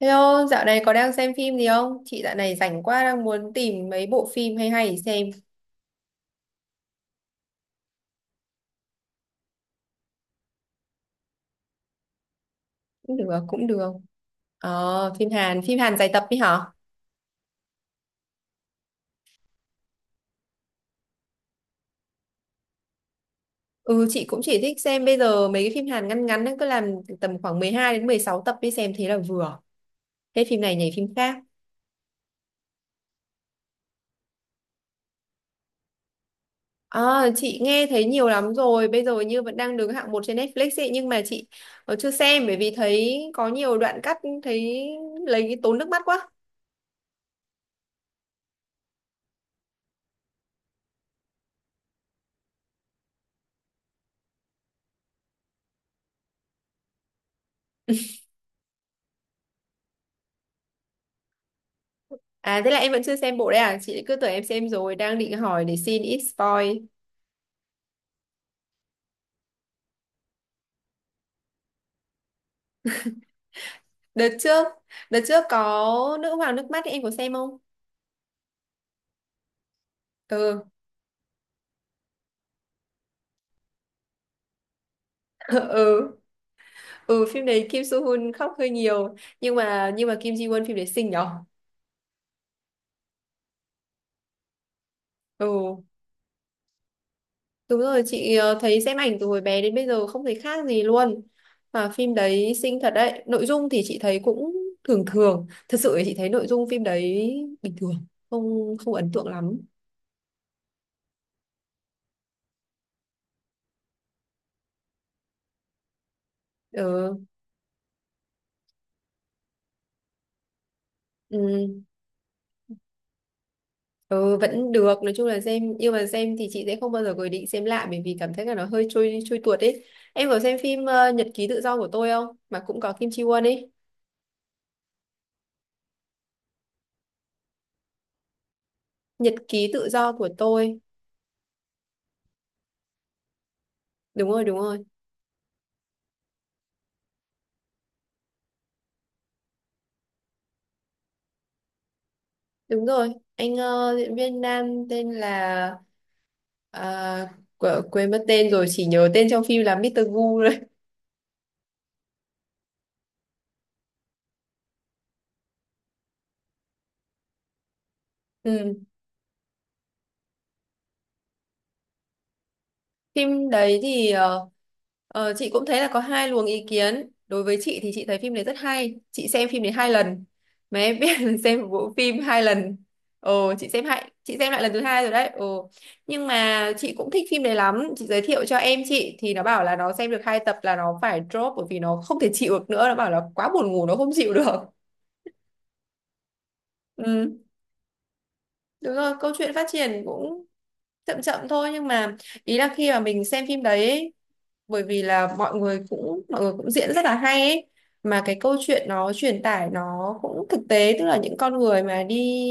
Hello, dạo này có đang xem phim gì không? Chị dạo này rảnh quá đang muốn tìm mấy bộ phim hay hay để xem. Cũng được, cũng được. Phim Hàn dài tập đi hả? Ừ, chị cũng chỉ thích xem bây giờ mấy cái phim Hàn ngắn ngắn ấy, cứ làm tầm khoảng 12 đến 16 tập đi xem thế là vừa. Hết phim này nhảy phim khác. Ờ, chị nghe thấy nhiều lắm rồi, bây giờ như vẫn đang đứng hạng một trên Netflix ấy, nhưng mà chị chưa xem bởi vì thấy có nhiều đoạn cắt thấy lấy tốn nước mắt quá. À, thế là em vẫn chưa xem bộ đấy à? Chị cứ tưởng em xem rồi, đang định hỏi để xin ít spoil. Đợt trước, đợt trước có Nữ hoàng nước mắt ấy, em có xem không? Ừ, ừ, ừ, phim đấy Kim Soo Hyun khóc hơi nhiều, nhưng mà Kim Ji Won phim đấy xinh nhở? Ừ, đúng rồi, chị thấy xem ảnh từ hồi bé đến bây giờ không thấy khác gì luôn. Mà phim đấy xinh thật đấy, nội dung thì chị thấy cũng thường thường, thật sự thì chị thấy nội dung phim đấy bình thường, không không ấn tượng lắm. Ừ. Ừ. Ừ, vẫn được nói chung là xem, nhưng mà xem thì chị sẽ không bao giờ có ý định xem lại bởi vì cảm thấy là nó hơi trôi trôi tuột ấy. Em có xem phim Nhật ký tự do của tôi không, mà cũng có Kim Chi Won ấy? Nhật ký tự do của tôi. Đúng rồi, đúng rồi, đúng rồi. Anh diễn viên nam tên là ờ, quên mất tên rồi, chỉ nhớ tên trong phim là Mr. Gu thôi. Ừ. Phim đấy thì chị cũng thấy là có hai luồng ý kiến. Đối với chị thì chị thấy phim đấy rất hay. Chị xem phim đấy hai lần. Mà em biết là xem một bộ phim hai lần. Ồ, chị xem lại lần thứ hai rồi đấy. Ồ. Nhưng mà chị cũng thích phim đấy lắm. Chị giới thiệu cho em chị thì nó bảo là nó xem được hai tập là nó phải drop bởi vì nó không thể chịu được nữa. Nó bảo là quá buồn ngủ nó không chịu được. Ừ, đúng rồi, câu chuyện phát triển cũng chậm chậm thôi, nhưng mà ý là khi mà mình xem phim đấy ấy, bởi vì là mọi người cũng diễn rất là hay ấy, mà cái câu chuyện nó truyền tải nó cũng thực tế, tức là những con người mà đi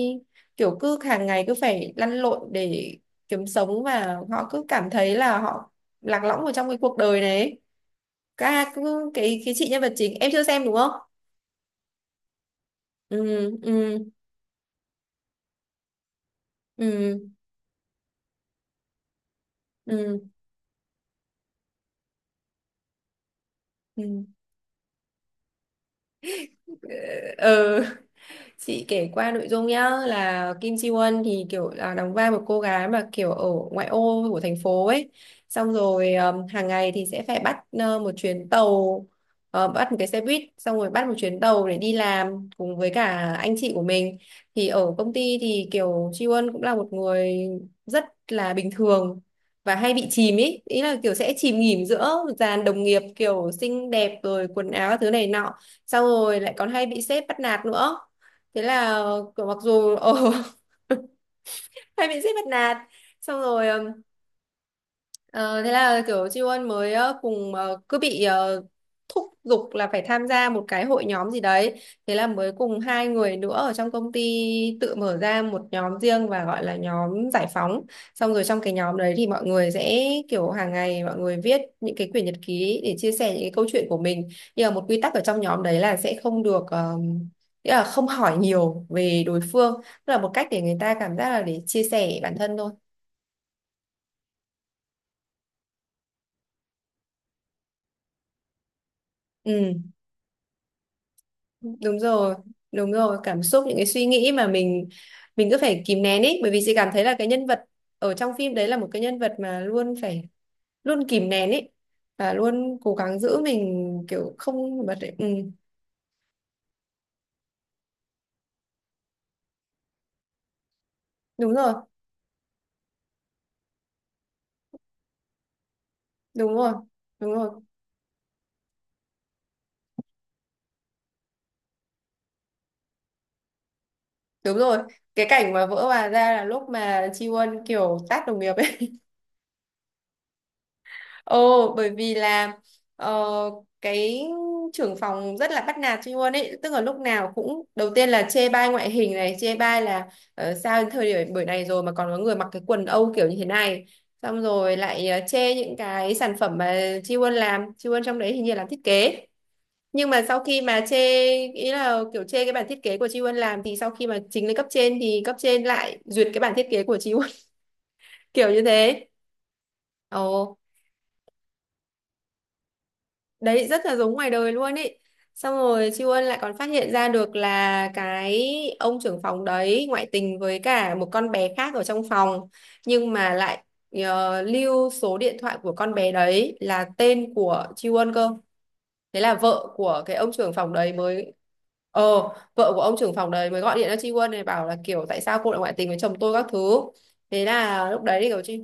kiểu cứ hàng ngày cứ phải lăn lộn để kiếm sống và họ cứ cảm thấy là họ lạc lõng ở trong cái cuộc đời này ấy. Các cứ cái chị nhân vật chính em chưa xem đúng không? Ừ, ừ, ừ, ừ, ừ. Ừ. Ờ, chị kể qua nội dung nhá, là Kim Ji Won thì kiểu là đóng vai một cô gái mà kiểu ở ngoại ô của thành phố ấy, xong rồi hàng ngày thì sẽ phải bắt một chuyến tàu, bắt một cái xe buýt xong rồi bắt một chuyến tàu để đi làm cùng với cả anh chị của mình. Thì ở công ty thì kiểu Ji Won cũng là một người rất là bình thường và hay bị chìm ý ý là kiểu sẽ chìm nghỉm giữa dàn đồng nghiệp kiểu xinh đẹp rồi quần áo các thứ này nọ, xong rồi lại còn hay bị sếp bắt nạt nữa. Thế là kiểu mặc dù ồ hay bị sếp bắt nạt, xong rồi Ờ, thế là kiểu Chi Won mới cùng cứ bị thúc giục là phải tham gia một cái hội nhóm gì đấy. Thế là mới cùng hai người nữa ở trong công ty tự mở ra một nhóm riêng và gọi là nhóm giải phóng. Xong rồi trong cái nhóm đấy thì mọi người sẽ kiểu hàng ngày mọi người viết những cái quyển nhật ký để chia sẻ những cái câu chuyện của mình. Nhưng mà một quy tắc ở trong nhóm đấy là sẽ không được nghĩa là không hỏi nhiều về đối phương. Tức là một cách để người ta cảm giác là để chia sẻ bản thân thôi. Ừ. Đúng rồi, đúng rồi, cảm xúc những cái suy nghĩ mà mình cứ phải kìm nén ý, bởi vì chị cảm thấy là cái nhân vật ở trong phim đấy là một cái nhân vật mà luôn phải luôn kìm nén ý và luôn cố gắng giữ mình kiểu không bật ấy. Ừ, đúng rồi, đúng rồi, đúng rồi, đúng rồi. Cái cảnh mà vỡ hòa ra là lúc mà Chi Won kiểu tát đồng nghiệp ấy. Ồ, bởi vì là ờ, cái trưởng phòng rất là bắt nạt chị luôn ấy, tức là lúc nào cũng đầu tiên là chê bai ngoại hình này, chê bai là sao đến thời điểm buổi này rồi mà còn có người mặc cái quần âu kiểu như thế này. Xong rồi lại chê những cái sản phẩm mà Chi Won làm, Chi Won trong đấy hình như làm thiết kế. Nhưng mà sau khi mà chê, ý là kiểu chê cái bản thiết kế của Chi Won làm, thì sau khi mà trình lên cấp trên thì cấp trên lại duyệt cái bản thiết kế của Chi Won kiểu như thế. Ồ. Đấy rất là giống ngoài đời luôn ý. Xong rồi Siêu Ân lại còn phát hiện ra được là cái ông trưởng phòng đấy ngoại tình với cả một con bé khác ở trong phòng, nhưng mà lại lưu số điện thoại của con bé đấy là tên của Siêu Ân cơ. Thế là vợ của cái ông trưởng phòng đấy mới ờ vợ của ông trưởng phòng đấy mới gọi điện cho Siêu Ân này, bảo là kiểu tại sao cô lại ngoại tình với chồng tôi các thứ. Thế là lúc đấy thì kiểu Chi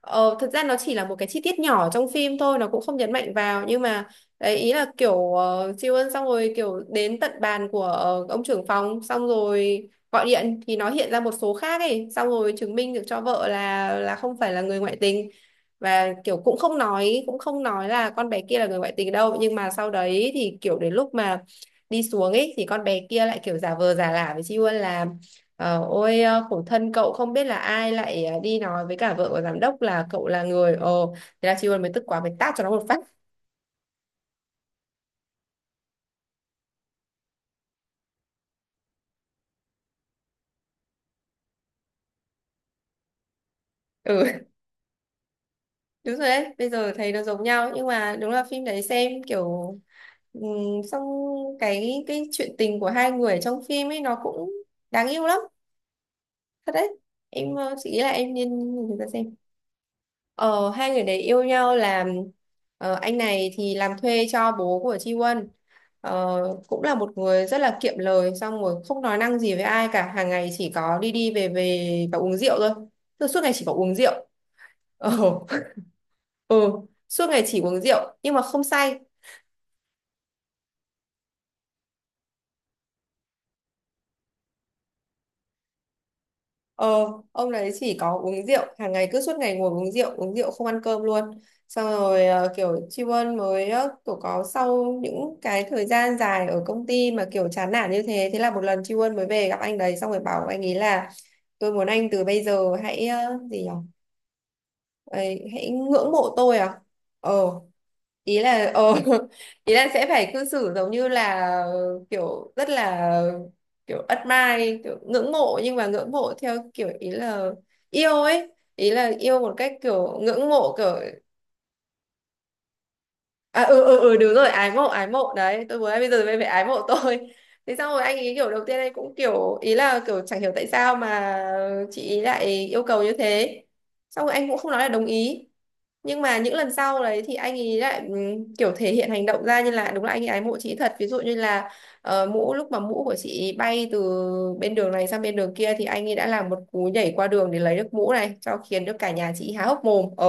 Ờ, thật ra nó chỉ là một cái chi tiết nhỏ trong phim thôi, nó cũng không nhấn mạnh vào, nhưng mà đấy, ý là kiểu siêu ân xong rồi kiểu đến tận bàn của ông trưởng phòng xong rồi gọi điện thì nó hiện ra một số khác ấy, xong rồi chứng minh được cho vợ là không phải là người ngoại tình, và kiểu cũng không nói là con bé kia là người ngoại tình đâu. Nhưng mà sau đấy thì kiểu đến lúc mà đi xuống ấy, thì con bé kia lại kiểu giả vờ giả lả với Siêu Ân là Ôi, khổ thân cậu, không biết là ai lại đi nói với cả vợ của giám đốc là cậu là người. Ồ, thế là chị Huân mới tức quá mới tát cho nó một phát. Ừ. Đúng rồi đấy, bây giờ thấy nó giống nhau, nhưng mà đúng là phim đấy xem kiểu ừm, xong cái chuyện tình của hai người trong phim ấy nó cũng đáng yêu lắm, thật đấy. Em chị nghĩ là em nên nhìn ra xem. Ờ, hai người đấy yêu nhau là anh này thì làm thuê cho bố của Chi Won. Ờ, cũng là một người rất là kiệm lời, xong rồi không nói năng gì với ai cả, hàng ngày chỉ có đi đi về về và uống rượu thôi. Tức là suốt ngày chỉ có uống rượu ờ. Ừ. Suốt ngày chỉ uống rượu nhưng mà không say. Ờ, ông đấy chỉ có uống rượu, hàng ngày cứ suốt ngày ngồi uống rượu không ăn cơm luôn. Xong rồi kiểu Tri Ân mới kiểu có sau những cái thời gian dài ở công ty mà kiểu chán nản như thế, thế là một lần Tri Ân mới về gặp anh đấy xong rồi bảo anh ấy là tôi muốn anh từ bây giờ hãy gì nhỉ? Ấy, hãy ngưỡng mộ tôi à? Ờ, ý là ý là sẽ phải cư xử giống như là kiểu rất là kiểu admire, kiểu ngưỡng mộ, nhưng mà ngưỡng mộ theo kiểu ý là yêu ấy, ý là yêu một cách kiểu ngưỡng mộ kiểu. À, ừ, ừ, ừ, đúng rồi, ái mộ, ái mộ đấy, tôi muốn anh bây giờ mới phải ái mộ tôi. Thế xong rồi anh ý kiểu đầu tiên anh cũng kiểu ý là kiểu chẳng hiểu tại sao mà chị ý lại yêu cầu như thế, xong rồi anh cũng không nói là đồng ý, nhưng mà những lần sau đấy thì anh ấy lại kiểu thể hiện hành động ra như là đúng là anh ấy ái mộ chị thật, ví dụ như là lúc mà mũ của chị bay từ bên đường này sang bên đường kia thì anh ấy đã làm một cú nhảy qua đường để lấy được mũ này cho, khiến được cả nhà chị há hốc mồm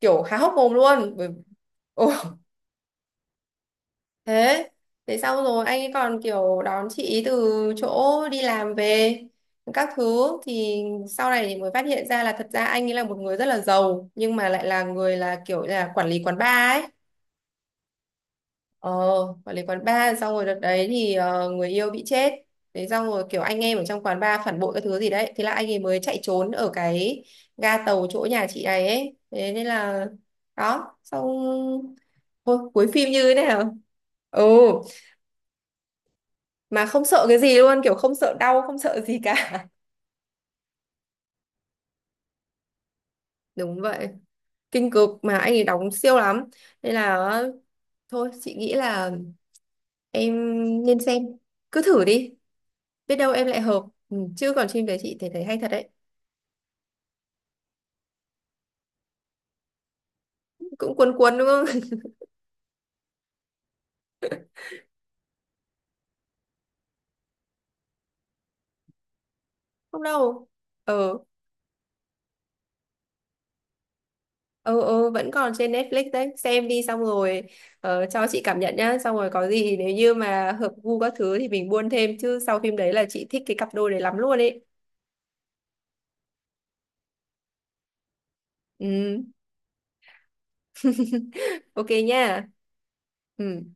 kiểu há hốc mồm luôn. Ồ, thế thế xong rồi anh ấy còn kiểu đón chị ý từ chỗ đi làm về các thứ, thì sau này thì mới phát hiện ra là thật ra anh ấy là một người rất là giàu nhưng mà lại là người là kiểu là quản lý quán bar ấy. Ờ, quản lý quán bar, xong rồi đợt đấy thì người yêu bị chết. Đấy, xong rồi kiểu anh em ở trong quán bar phản bội cái thứ gì đấy. Thế là anh ấy mới chạy trốn ở cái ga tàu chỗ nhà chị này ấy. Thế nên là đó, xong. Ôi, cuối phim như thế nào. Ừ, mà không sợ cái gì luôn, kiểu không sợ đau, không sợ gì cả. Đúng vậy, kinh cực mà anh ấy đóng siêu lắm. Nên là thôi chị nghĩ là em nên xem. Cứ thử đi, biết đâu em lại hợp. Ừ, chứ còn phim đấy chị thấy thấy hay thật đấy. Cũng cuốn cuốn đúng không? Không đâu. ờ ờ Vẫn còn trên Netflix đấy, xem đi, xong rồi cho chị cảm nhận nhá, xong rồi có gì nếu như mà hợp gu các thứ thì mình buôn thêm, chứ sau phim đấy là chị thích cái cặp đôi đấy lắm luôn ấy. Ừ. Ok nha. Ừ.